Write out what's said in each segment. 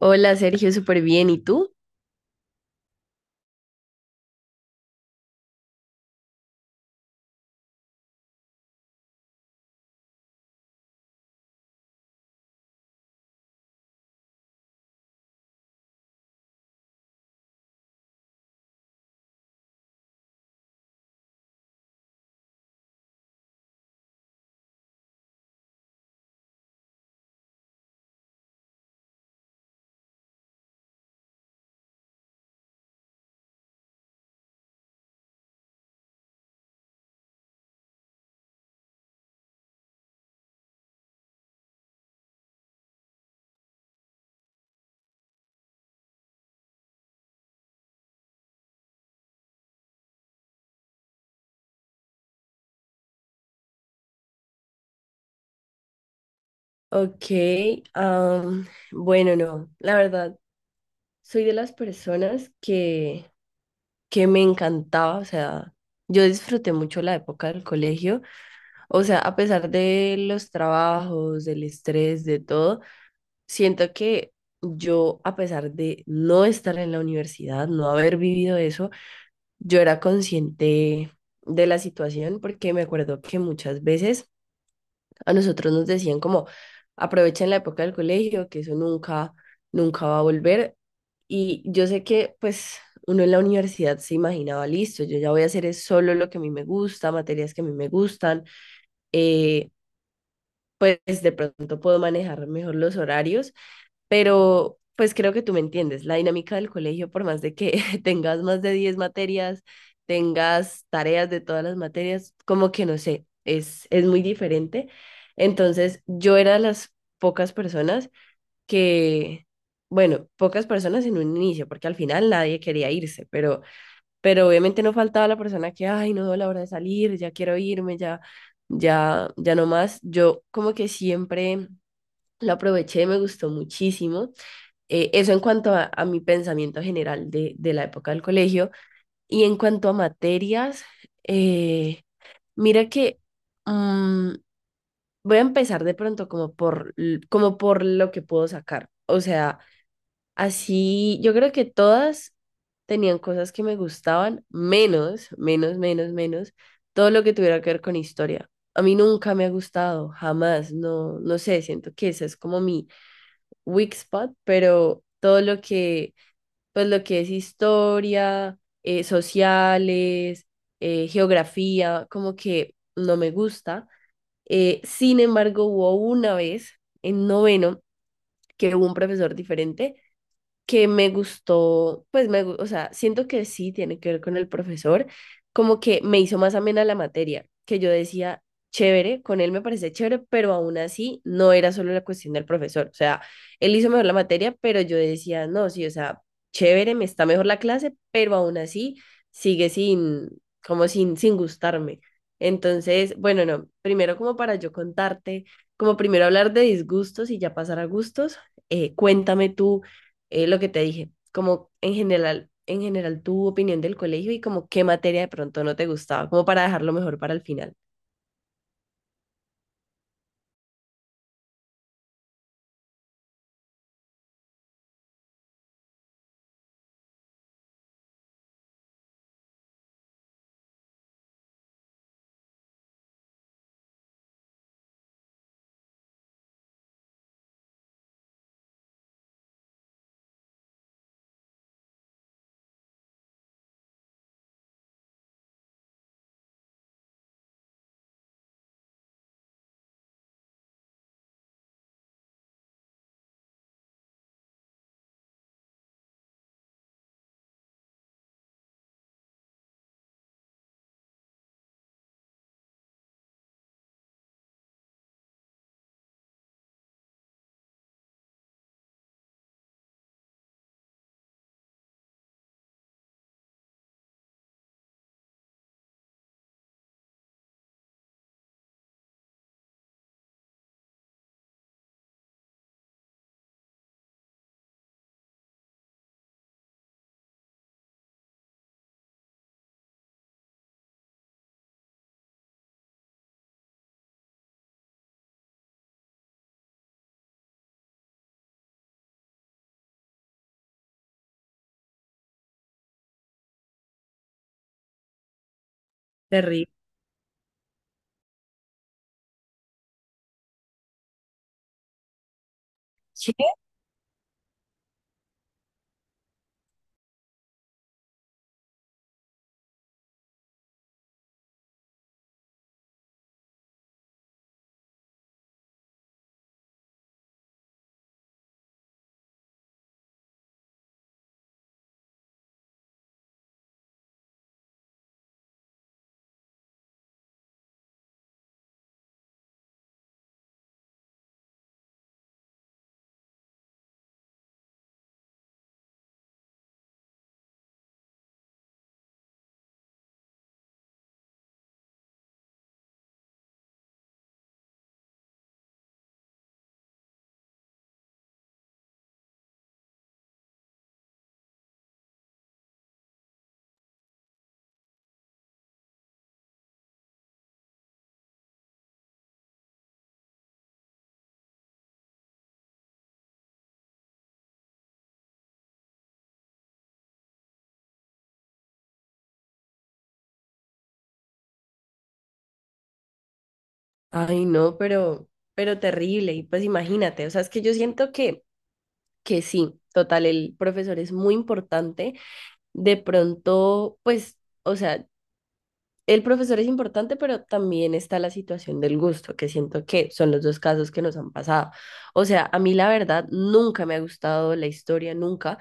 Hola Sergio, súper bien. ¿Y tú? Ok, am, bueno, no, la verdad, soy de las personas que me encantaba, o sea, yo disfruté mucho la época del colegio, o sea, a pesar de los trabajos, del estrés, de todo, siento que yo, a pesar de no estar en la universidad, no haber vivido eso, yo era consciente de la situación porque me acuerdo que muchas veces. A nosotros nos decían como, aprovechen la época del colegio, que eso nunca, nunca va a volver. Y yo sé que pues uno en la universidad se imaginaba, listo, yo ya voy a hacer es solo lo que a mí me gusta, materias que a mí me gustan, eh, pues de pronto puedo manejar mejor los horarios, pero pues creo que tú me entiendes, la dinámica del colegio, por más de que tengas más de 10 materias, tengas tareas de todas las materias, como que no sé, es muy diferente. Entonces, yo era de las pocas personas que, bueno, pocas personas en un inicio, porque al final nadie quería irse, pero obviamente no faltaba la persona que, ay, no veo la hora de salir, ya quiero irme, ya, ya no más. Yo como que siempre lo aproveché, me gustó muchísimo eso en cuanto a mi pensamiento general de la época del colegio. Y en cuanto a materias, eh, mira que mm, voy a empezar de pronto como por, como por lo que puedo sacar. O sea, así yo creo que todas tenían cosas que me gustaban, menos, menos, menos, menos, todo lo que tuviera que ver con historia. A mí nunca me ha gustado, jamás, no, no sé, siento que esa es como mi weak spot, pero todo lo que pues lo que es historia, sociales, geografía, como que no me gusta. Sin embargo, hubo una vez en noveno que hubo un profesor diferente que me gustó, pues o sea, siento que sí tiene que ver con el profesor, como que me hizo más amena la materia, que yo decía, chévere, con él me parece chévere, pero aún así no era solo la cuestión del profesor, o sea, él hizo mejor la materia, pero yo decía, no, sí, o sea, chévere, me está mejor la clase, pero aún así sigue sin, como sin, sin gustarme. Entonces, bueno, no, primero como para yo contarte, como primero hablar de disgustos y ya pasar a gustos, cuéntame tú lo que te dije, como en general tu opinión del colegio y como qué materia de pronto no te gustaba, como para dejarlo mejor para el final. Terrible. Sí. Ay, no, pero terrible. Y pues imagínate, o sea, es que yo siento que sí, total, el profesor es muy importante. De pronto, pues, o sea, el profesor es importante, pero también está la situación del gusto, que siento que son los dos casos que nos han pasado. O sea, a mí la verdad nunca me ha gustado la historia, nunca.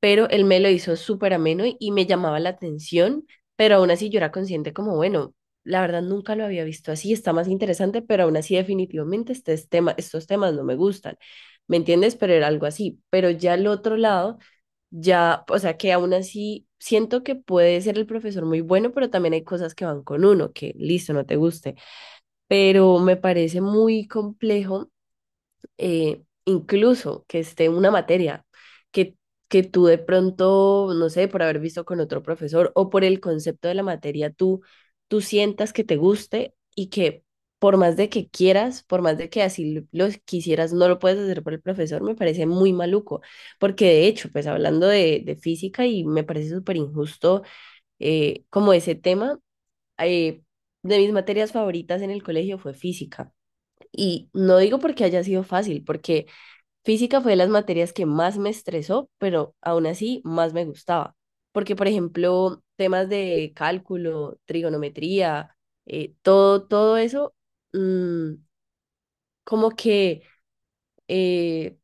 Pero él me lo hizo súper ameno y me llamaba la atención, pero aún así yo era consciente como, bueno, la verdad nunca lo había visto así, está más interesante, pero aún así definitivamente este es tema, estos temas no me gustan, ¿me entiendes? Pero era algo así, pero ya al otro lado, ya, o sea que aún así siento que puede ser el profesor muy bueno, pero también hay cosas que van con uno, que listo, no te guste, pero me parece muy complejo incluso que esté una materia que, que tú de pronto, no sé, por haber visto con otro profesor o por el concepto de la materia, tú sientas que te guste y que por más de que quieras, por más de que así lo quisieras, no lo puedes hacer por el profesor, me parece muy maluco, porque de hecho, pues hablando de física y me parece súper injusto como ese tema, eh, de mis materias favoritas en el colegio fue física. Y no digo porque haya sido fácil, porque física fue de las materias que más me estresó, pero aún así más me gustaba, porque por ejemplo, temas de cálculo, trigonometría, todo, todo eso, mm, como que, eh,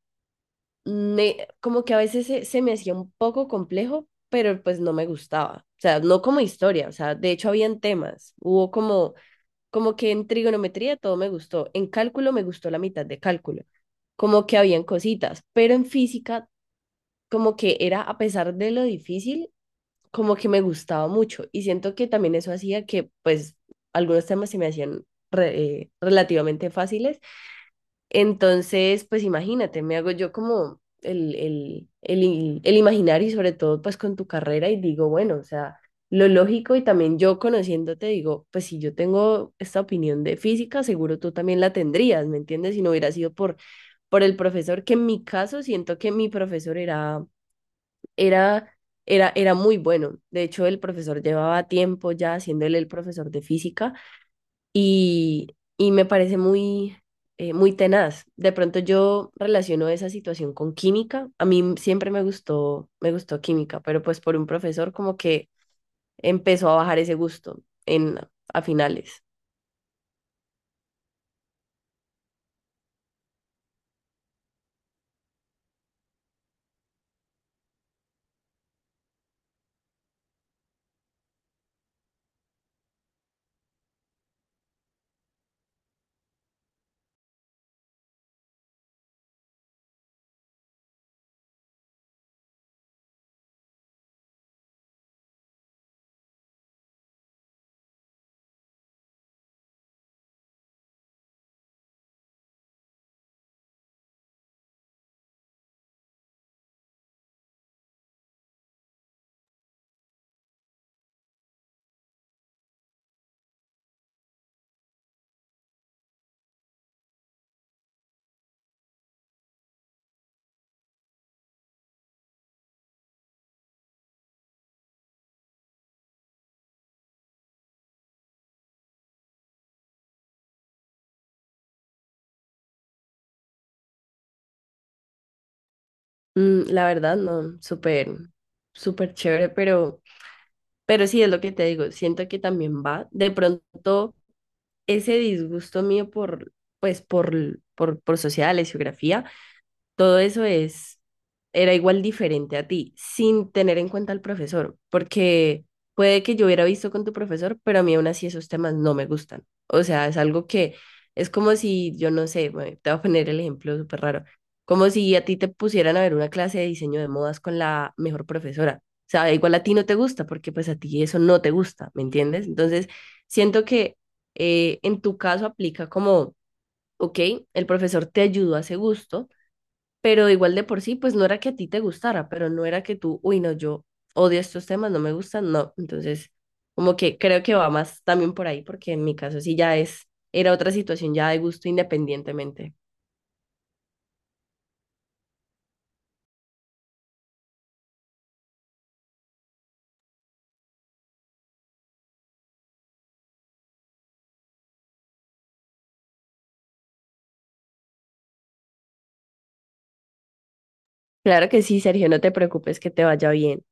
como que a veces se me hacía un poco complejo, pero pues no me gustaba. O sea, no como historia, o sea, de hecho habían temas, hubo como, como que en trigonometría todo me gustó, en cálculo me gustó la mitad de cálculo como que habían cositas, pero en física como que era, a pesar de lo difícil, como que me gustaba mucho. Y siento que también eso hacía que, pues, algunos temas se me hacían relativamente fáciles. Entonces, pues, imagínate, me hago yo como el imaginario y sobre todo, pues, con tu carrera y digo, bueno, o sea. Lo lógico y también yo conociéndote digo, pues si yo tengo esta opinión de física, seguro tú también la tendrías, ¿me entiendes? Si no hubiera sido por el profesor, que en mi caso siento que mi profesor era, era muy bueno. De hecho, el profesor llevaba tiempo ya haciéndole el profesor de física y, y me parece muy, muy tenaz. De pronto yo relaciono esa situación con química. A mí siempre me gustó química, pero pues por un profesor como que empezó a bajar ese gusto en, a finales. Mm, la verdad, no, súper, súper chévere, pero sí es lo que te digo. Siento que también va. De pronto ese disgusto mío por, pues, por sociales, geografía, todo eso es, era igual diferente a ti, sin tener en cuenta al profesor, porque puede que yo hubiera visto con tu profesor, pero a mí aún así esos temas no me gustan. O sea, es algo que es como si, yo no sé, bueno, te voy a poner el ejemplo súper raro, como si a ti te pusieran a ver una clase de diseño de modas con la mejor profesora. O sea, igual a ti no te gusta, porque pues a ti eso no te gusta, ¿me entiendes? Entonces, siento que en tu caso aplica como, ok, el profesor te ayudó a ese gusto pero igual de por sí, pues no era que a ti te gustara, pero no era que tú, uy, no, yo odio estos temas, no me gustan, no. Entonces, como que creo que va más también por ahí, porque en mi caso sí ya era otra situación ya de gusto independientemente. Claro que sí, Sergio, no te preocupes que te vaya bien.